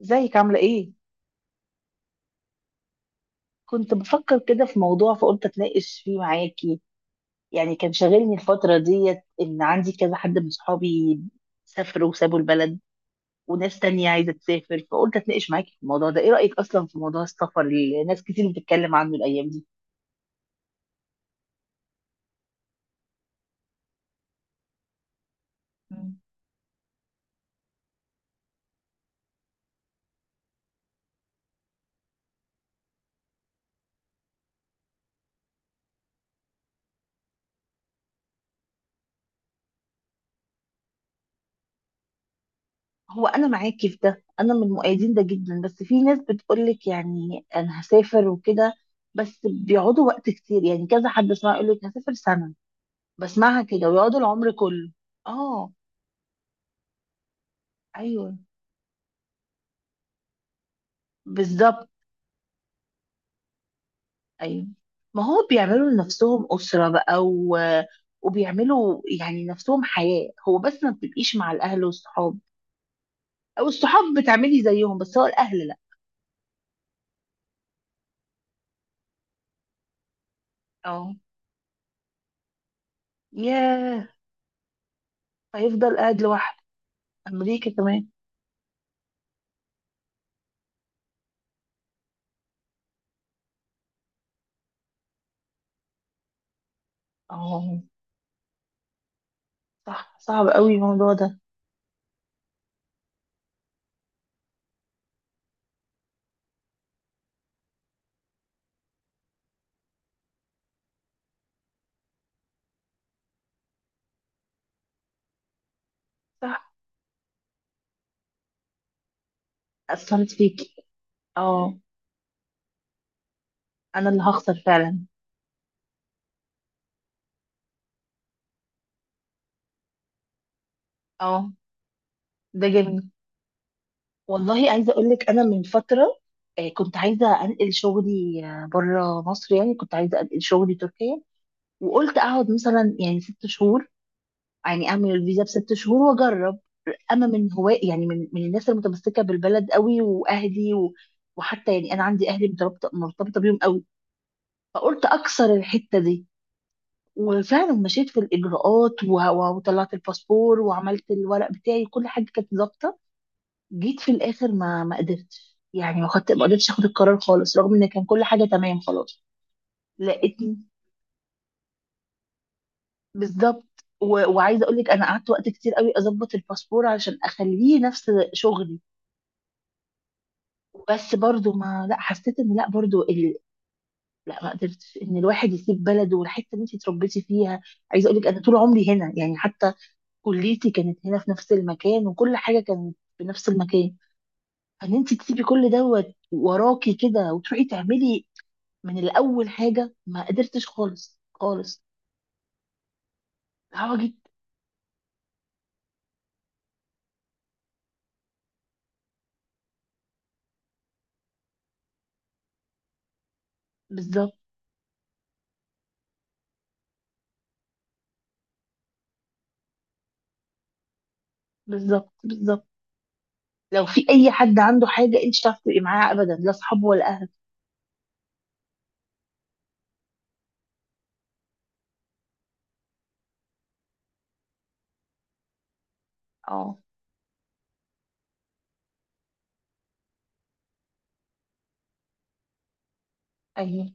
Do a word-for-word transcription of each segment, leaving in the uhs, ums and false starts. ازيك؟ عاملة ايه؟ كنت بفكر كده في موضوع فقلت اتناقش فيه معاكي. يعني كان شاغلني الفترة ديت ان عندي كذا حد من صحابي سافروا وسابوا البلد، وناس تانية عايزة تسافر. فقلت اتناقش معاكي في الموضوع ده. ايه رأيك اصلا في موضوع السفر اللي ناس كتير بتتكلم عنه الايام دي؟ مم. هو انا معاكي في ده، انا من مؤيدين ده جدا. بس في ناس بتقولك يعني انا هسافر وكده، بس بيقعدوا وقت كتير. يعني كذا حد اسمع يقولك هسافر سنة، بسمعها كده ويقعدوا العمر كله. اه. ايوه. بالظبط. ايوه، ما هو بيعملوا لنفسهم اسره بقى و... وبيعملوا يعني نفسهم حياه، هو بس ما بتبقيش مع الاهل والصحاب. او الصحاب بتعملي زيهم، بس هو الاهل لا. اه. ياه. هيفضل قاعد لوحده. امريكا كمان. اه، صح، صعب قوي الموضوع ده. صح. اثرت فيكي. اه، انا اللي هخسر فعلا. اه، ده جميل. والله عايزه اقول لك انا من فتره آه، كنت عايزه انقل شغلي، آه، بره مصر. يعني كنت عايزه انقل شغلي تركيا، وقلت اقعد مثلا يعني ست شهور. يعني اعمل الفيزا بست شهور واجرب. اما من هواء، يعني من من الناس المتمسكه بالبلد قوي واهلي و... وحتى يعني انا عندي اهلي مرتبطه مرتبطه بيهم قوي. فقلت اكسر الحته دي، وفعلا مشيت في الاجراءات و... وطلعت الباسبور وعملت الورق بتاعي، كل حاجه كانت ظابطه. جيت في الاخر ما ما قدرتش يعني ما خدت ما قدرتش اخد القرار خالص، رغم ان كان كل حاجه تمام خلاص. لقيت بالظبط و... وعايزه اقول لك انا قعدت وقت كتير قوي اظبط الباسبور علشان اخليه نفس شغلي. بس برضو ما لا حسيت ان لا برضو ال... لا ما قدرتش ان الواحد يسيب بلده، والحته اللي انت اتربيتي فيها. عايزه اقول لك انا طول عمري هنا، يعني حتى كليتي كانت هنا في نفس المكان، وكل حاجه كانت في نفس المكان. فان انت تسيبي كل دوت وراكي كده وتروحي تعملي من الاول حاجه، ما قدرتش خالص خالص. هوا جيت بالظبط. بالظبط بالظبط. لو في اي حد عنده حاجه انت مش هتعرفي تبقي معاه ابدا، لا صحابه ولا اهل. اه. ايوه،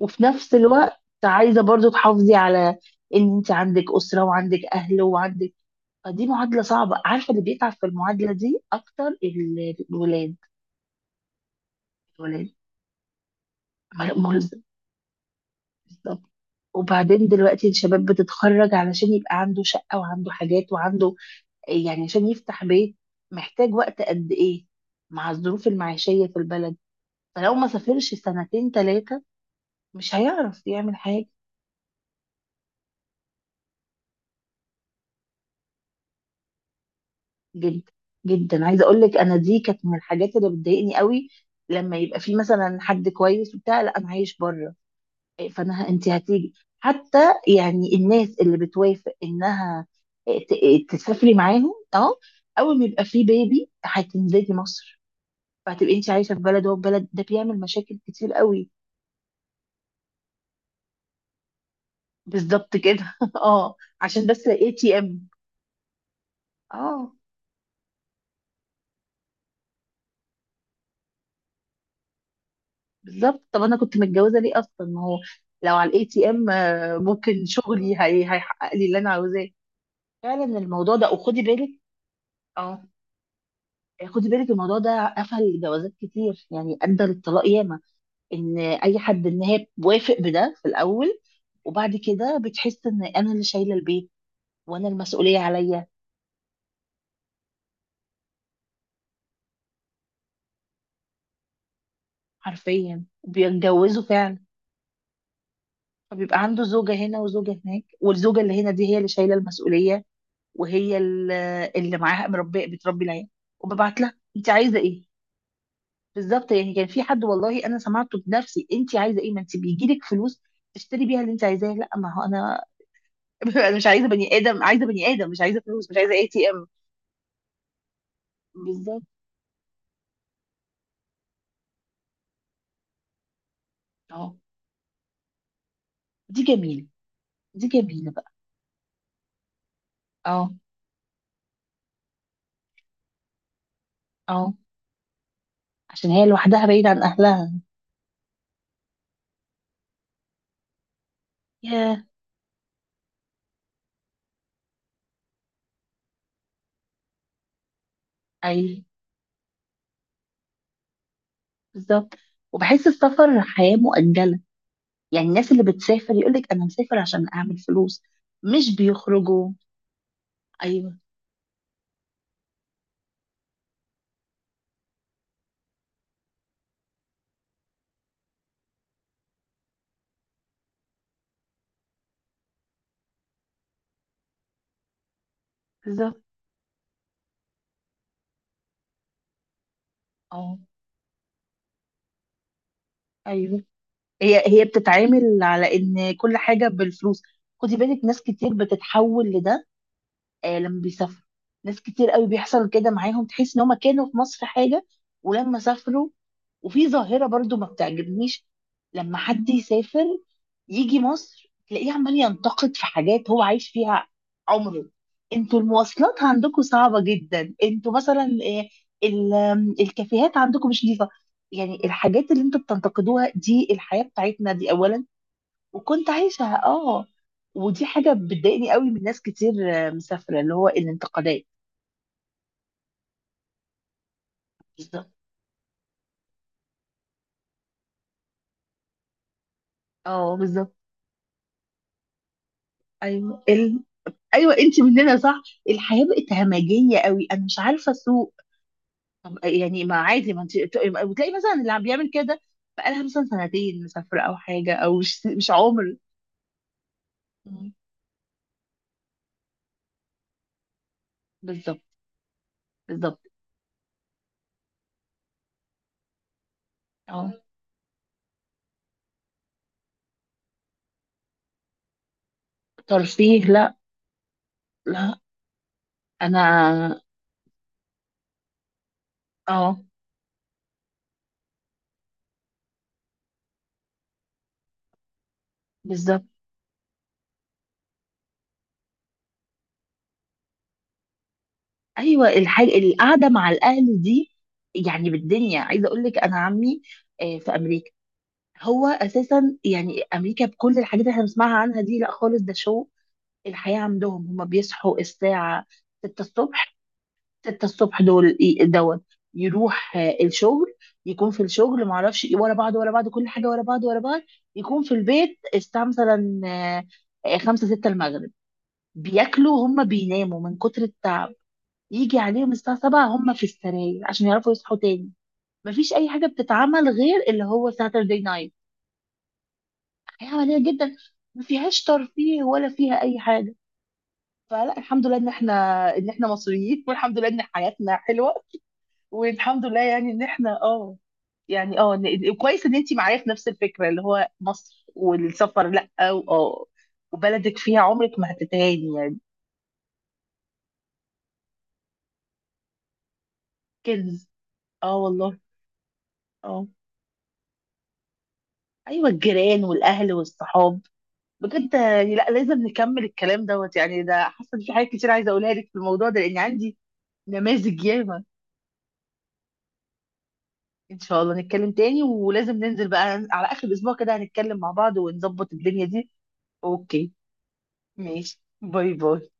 وفي نفس الوقت عايزه برضو تحافظي على ان انت عندك اسره وعندك اهل وعندك. فدي معادله صعبه، عارفه اللي بيتعب في المعادله دي اكتر ال- الولاد. الولاد ملزم، بالظبط. وبعدين دلوقتي الشباب بتتخرج علشان يبقى عنده شقه وعنده حاجات وعنده، يعني عشان يفتح بيت محتاج وقت قد ايه؟ مع الظروف المعيشيه في البلد، فلو ما سافرش سنتين ثلاثه مش هيعرف يعمل حاجة. جدا. جدا، عايزة اقول لك انا دي كانت من الحاجات اللي بتضايقني قوي. لما يبقى في مثلا حد كويس وبتاع، لا انا عايش بره. آه، فانا ه- انت هتيجي حتى. يعني الناس اللي بتوافق انها، آه، ت- آه، تسافري معاهم، اه اول ما يبقى في بيبي هتنزلي مصر. فهتبقي انت عايشة في بلد وهو في بلد، ده بيعمل مشاكل كتير قوي. بالظبط كده. اه، عشان بس اي تي ام. اه، بالظبط. طب انا كنت متجوزه ليه اصلا؟ ما هو لو على الاي تي ام ممكن شغلي هي هيحقق لي اللي انا عاوزاه. فعلا الموضوع ده، وخدي بالك. اه، خدي بالك، الموضوع ده قفل جوازات كتير، يعني ادى للطلاق ياما. ان اي حد، ان هي بوافق بده في الاول، وبعد كده بتحس ان انا اللي شايله البيت وانا المسؤوليه عليا. حرفيا بيتجوزوا فعلا، فبيبقى عنده زوجه هنا وزوجه هناك، والزوجه اللي هنا دي هي اللي شايله المسؤوليه. وهي ال- اللي معاها مربيه بتربي العيال، وببعت لها انت عايزه ايه. بالظبط. يعني كان في حد، والله انا سمعته بنفسي، انت عايزه ايه؟ ما انت بيجي لك فلوس تشتري بيها اللي انت عايزاه. لا ما هو انا، انا مش عايزه بني ادم، عايزه بني ادم، مش عايزه فلوس، مش عايزه اي تي ام. بالظبط. اه، دي جميله، دي جميله بقى. اه. اه، عشان هي لوحدها بعيده عن اهلها. ياه. اي، بالظبط. وبحس السفر حياه مؤجله. يعني الناس اللي بتسافر يقول لك انا مسافر عشان اعمل فلوس، مش بيخرجوا. ايوه. بالظبط. اه. ايوه، هي هي بتتعامل على ان كل حاجه بالفلوس. خدي بالك ناس كتير بتتحول لده. آه، لما بيسافروا، ناس كتير قوي بيحصل كده معاهم، تحس ان هم كانوا في مصر حاجه ولما سافروا. وفي ظاهره برضو ما بتعجبنيش، لما حد يسافر يجي مصر تلاقيه عمال ينتقد في حاجات هو عايش فيها عمره. انتوا المواصلات عندكم صعبة جدا، انتوا مثلا إيه، ال- آم، الكافيهات عندكم مش نظيفة. يعني الحاجات اللي انتوا بتنتقدوها دي الحياة بتاعتنا دي اولا. وكنت عايشها، اه. ودي حاجة بتضايقني قوي من ناس كتير آه، مسافرة، اللي هو الانتقادات. بالظبط. اه، بالظبط. ايوه ال... ايوه انت مننا، صح؟ الحياة بقت همجية قوي، انا مش عارفة اسوق. طب يعني ما عادي، ما انت. وتلاقي مثلا اللي عم بيعمل كده بقالها مثلا سنتين مسافرة او حاجة، او مش مش عمر. مم. بالظبط. بالظبط. اه. ترفيه لا. لا. انا، اه، بالظبط. ايوه، الحاجة القعدة مع الاهل دي يعني بالدنيا. عايزة اقول لك انا عمي آه، في امريكا. هو اساسا يعني امريكا بكل الحاجات اللي احنا بنسمعها عنها دي، لا خالص، ده شو. الحياة عندهم هما بيصحوا الساعة ستة الصبح، ستة الصبح. دول إيه- دوت، يروح آه، الشغل، يكون في الشغل ما اعرفش ايه، ورا بعض ورا بعض، كل حاجه ورا بعض ورا بعض. يكون في البيت الساعه مثلا آه، آه، خمسة ستة المغرب، بياكلوا، هم بيناموا من كتر التعب. يجي عليهم الساعه سبعة هم في السراير عشان يعرفوا يصحوا تاني. مفيش اي حاجه بتتعمل غير اللي هو ساتردي نايت. حياه عمليه جدا، ما فيهاش ترفيه ولا فيها اي حاجه. فلا، الحمد لله ان احنا، ان احنا مصريين، والحمد لله ان حياتنا حلوه. والحمد لله يعني ان احنا اه، يعني اه إن- كويس ان انت معايا في نفس الفكره، اللي هو مصر والسفر لا و- اه وبلدك فيها، عمرك ما هتتهاني يعني. كنز. اه والله. اه. ايوه، الجيران والاهل والصحاب. بجد يعني، لا لازم نكمل الكلام دوت، يعني ده حاسه إن في حاجات كتير عايزه اقولها لك في الموضوع ده، لان عندي نماذج ياما. ان شاء الله نتكلم تاني، ولازم ننزل بقى على اخر الاسبوع كده، هنتكلم مع بعض ونظبط الدنيا دي. اوكي. ماشي. باي باي.